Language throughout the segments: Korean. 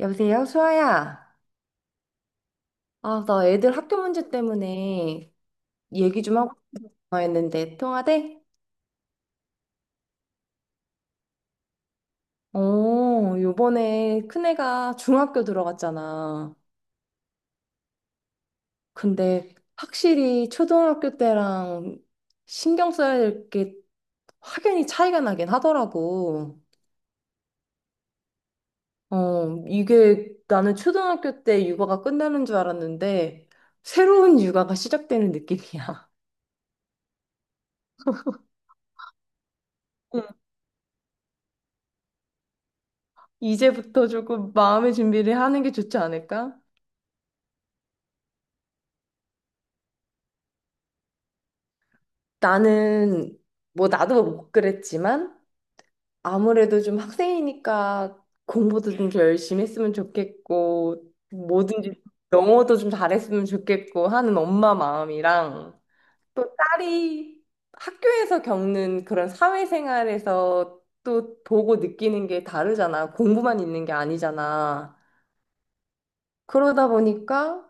여보세요, 수아야. 아, 나 애들 학교 문제 때문에 얘기 좀 하고 싶어 했는데 통화돼? 어, 요번에 큰애가 중학교 들어갔잖아. 근데 확실히 초등학교 때랑 신경 써야 될 게 확연히 차이가 나긴 하더라고. 어, 이게 나는 초등학교 때 육아가 끝나는 줄 알았는데 새로운 육아가 시작되는 느낌이야. 응. 이제부터 조금 마음의 준비를 하는 게 좋지 않을까? 나는 뭐 나도 뭐 못 그랬지만 아무래도 좀 학생이니까 공부도 좀 더 열심히 했으면 좋겠고 뭐든지 영어도 좀 잘했으면 좋겠고 하는 엄마 마음이랑 또 딸이 학교에서 겪는 그런 사회생활에서 또 보고 느끼는 게 다르잖아. 공부만 있는 게 아니잖아. 그러다 보니까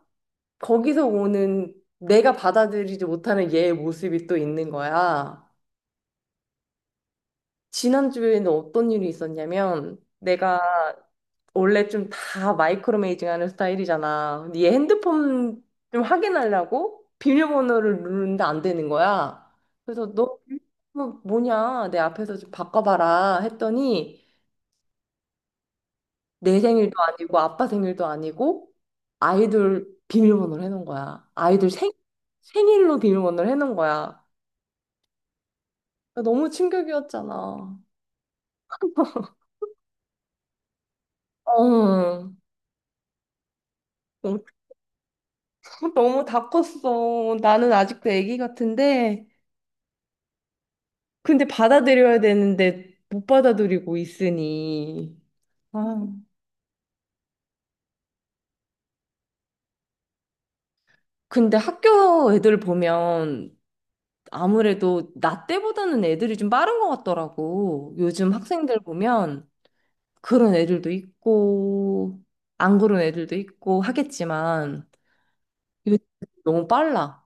거기서 오는 내가 받아들이지 못하는 얘의 모습이 또 있는 거야. 지난주에는 어떤 일이 있었냐면 내가 원래 좀 다 마이크로 메이징 하는 스타일이잖아. 근데 얘 핸드폰 좀 확인하려고 비밀번호를 누르는데 안 되는 거야. 그래서 너 비밀번호 뭐냐? 내 앞에서 좀 바꿔봐라 했더니 내 생일도 아니고 아빠 생일도 아니고 아이들 비밀번호를 해놓은 거야. 생일로 비밀번호를 해놓은 거야. 너무 충격이었잖아. 어, 너무 다 컸어. 나는 아직도 아기 같은데, 근데 받아들여야 되는데 못 받아들이고 있으니. 아, 근데 학교 애들 보면 아무래도 나 때보다는 애들이 좀 빠른 것 같더라고. 요즘 학생들 보면 그런 애들도 있고, 안 그런 애들도 있고 하겠지만, 요즘 너무 빨라.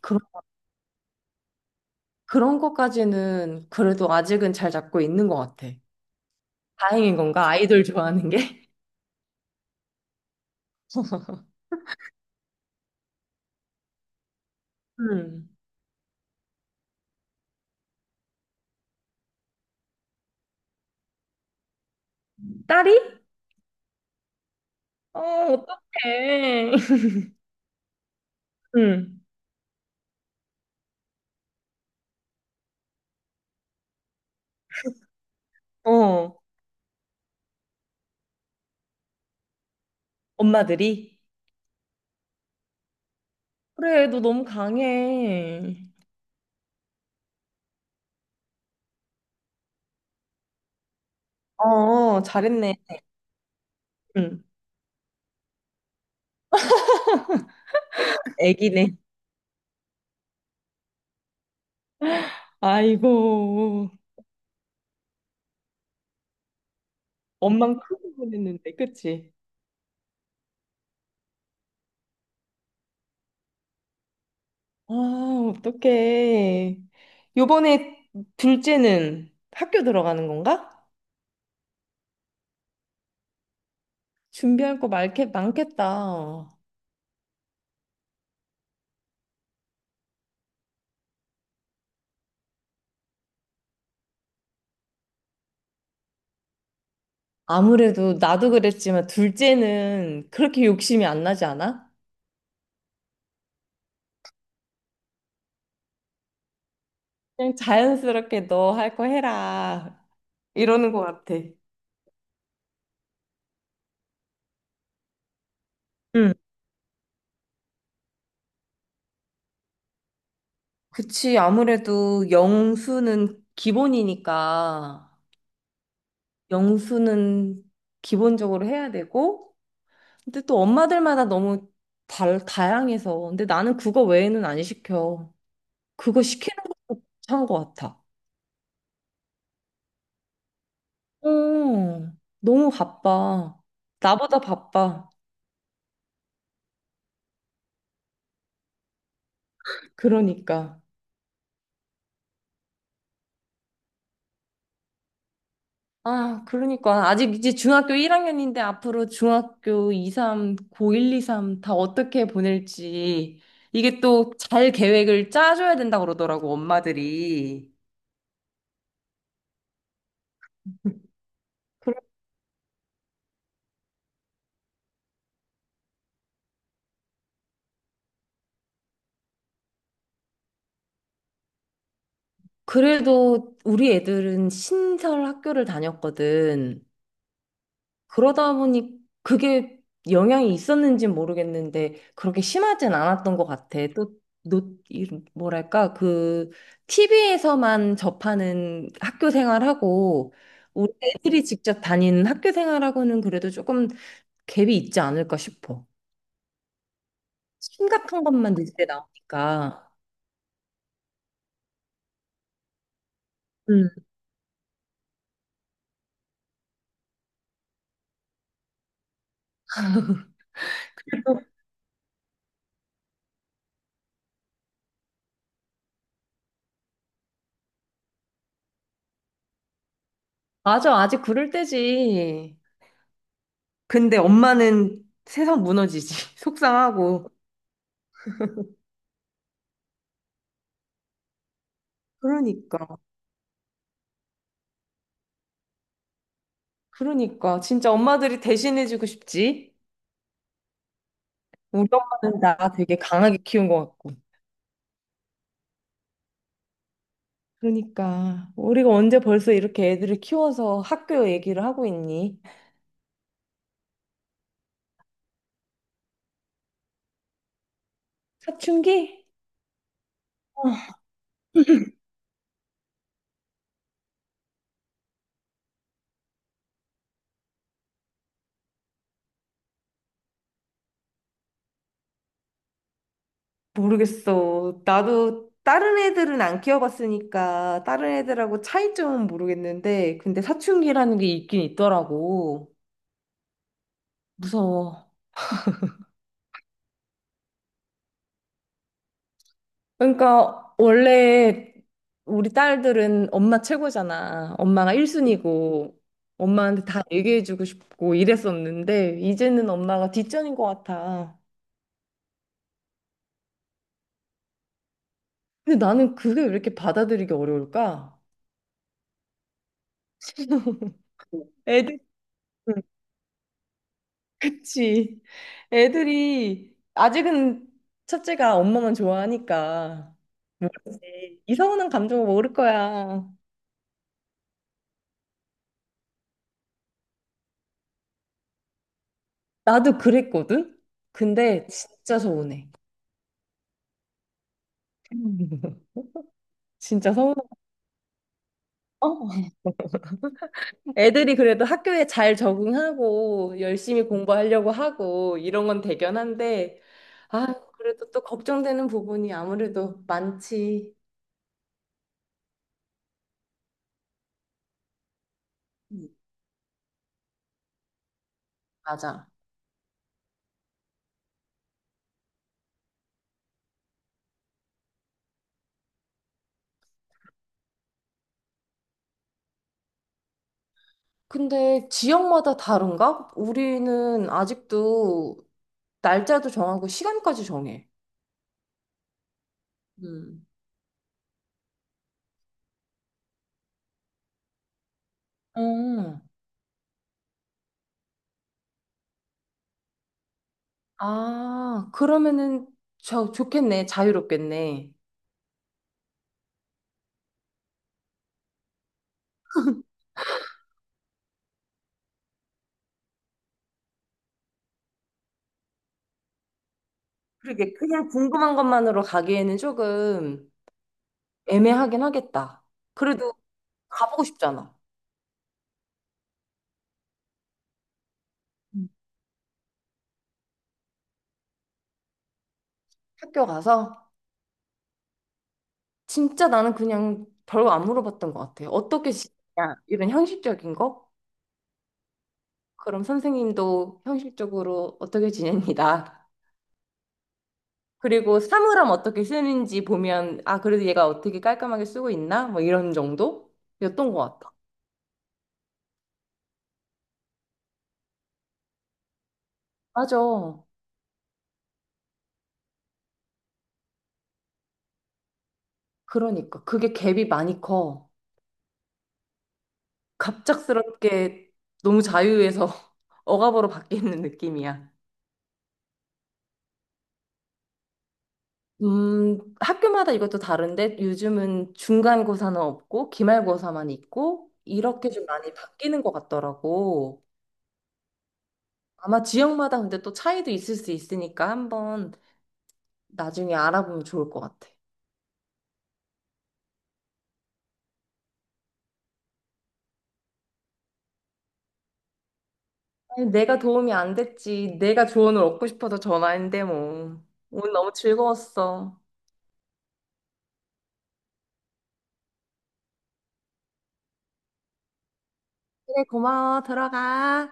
그런, 그런 것까지는 그래도 아직은 잘 잡고 있는 것 같아. 다행인 건가? 아이들 좋아하는 게? 음. 딸이? 어, 어떡해. 응. 어, 엄마들이. 그래, 너 너무 강해. 어, 잘했네. 응. 애기네. 아이고, 엄만 크고 보냈는데, 그치? 아, 어떡해. 요번에 둘째는 학교 들어가는 건가? 준비할 거 많겠다. 아무래도 나도 그랬지만 둘째는 그렇게 욕심이 안 나지 않아? 그냥 자연스럽게 너 할 거 해라. 이러는 것 같아. 응, 그치. 아무래도 영수는 기본이니까 영수는 기본적으로 해야 되고, 근데 또 엄마들마다 너무 다양해서. 근데 나는 그거 외에는 안 시켜. 그거 시키는 것도 참 것 같아. 어, 너무 바빠. 나보다 바빠. 그러니까. 아, 그러니까. 아직 이제 중학교 1학년인데 앞으로 중학교 2, 3, 고 1, 2, 3 다 어떻게 보낼지. 이게 또 잘 계획을 짜줘야 된다고 그러더라고, 엄마들이. 그래- 그래도 우리 애들은 신설 학교를 다녔거든. 그러다 보니 그게 영향이 있었는지 모르겠는데 그렇게 심하진 않았던 것 같아. 또, 노, 이- 뭐랄까, 그 TV에서만 접하는 학교 생활하고 우리 애들이 직접 다니는 학교 생활하고는 그래도 조금 갭이 있지 않을까 싶어. 심각한 것만 뉴스에 나오니까. 음. 맞아, 아직 그럴 때지. 근데 엄마는 세상 무너지지. 속상하고. 그러니까. 그러니까 진짜 엄마들이 대신해주고 싶지. 우리 엄마는 나 되게 강하게 키운 것 같고. 그러니까 우리가 언제 벌써 이렇게 애들을 키워서 학교 얘기를 하고 있니? 사춘기? 어, 모르겠어. 나도 다른 애들은 안 키워봤으니까 다른 애들하고 차이점은 모르겠는데 근데 사춘기라는 게 있긴 있더라고. 무서워. 그러니까 원래 우리 딸들은 엄마 최고잖아. 엄마가 1순위고 엄마한테 다 얘기해주고 싶고 이랬었는데 이제는 엄마가 뒷전인 것 같아. 근데 나는 그게 왜 이렇게 받아들이기 어려울까? 애들, 그치. 애들이 아직은 첫째가 엄마만 좋아하니까 뭐 이상한 감정을 모를 거야. 나도 그랬거든? 근데 진짜 서운해. 진짜 서운하다. 어? 애들이 그래도 학교에 잘 적응하고 열심히 공부하려고 하고 이런 건 대견한데, 아, 그래도 또 걱정되는 부분이 아무래도 많지. 음. 맞아. 근데 지역마다 다른가? 우리는 아직도 날짜도 정하고 시간까지 정해. 음. 음. 아, 그러면은 저 좋겠네. 자유롭겠네. 그러게. 그냥 궁금한 것만으로 가기에는 조금 애매하긴 하겠다. 그래도 가보고 싶잖아. 음. 학교 가서 진짜 나는 그냥 별거 안 물어봤던 것 같아. 어떻게 지내냐? 이런 형식적인 거? 그럼 선생님도 형식적으로 어떻게 지냅니다. 그리고 사물함 어떻게 쓰는지 보면 아 그래도 얘가 어떻게 깔끔하게 쓰고 있나? 뭐 이런 정도였던 것 같아. 맞아. 그러니까 그게 갭이 많이 커. 갑작스럽게 너무 자유에서 억압으로 바뀌는 느낌이야. 학교마다 이것도 다른데 요즘은 중간고사는 없고 기말고사만 있고 이렇게 좀 많이 바뀌는 것 같더라고. 아마 지역마다 근데 또 차이도 있을 수 있으니까 한번 나중에 알아보면 좋을 것 같아. 아니, 내가 도움이 안 됐지. 내가 조언을 얻고 싶어서 전화했는데 뭐. 오늘 너무 즐거웠어. 그래, 고마워. 들어가.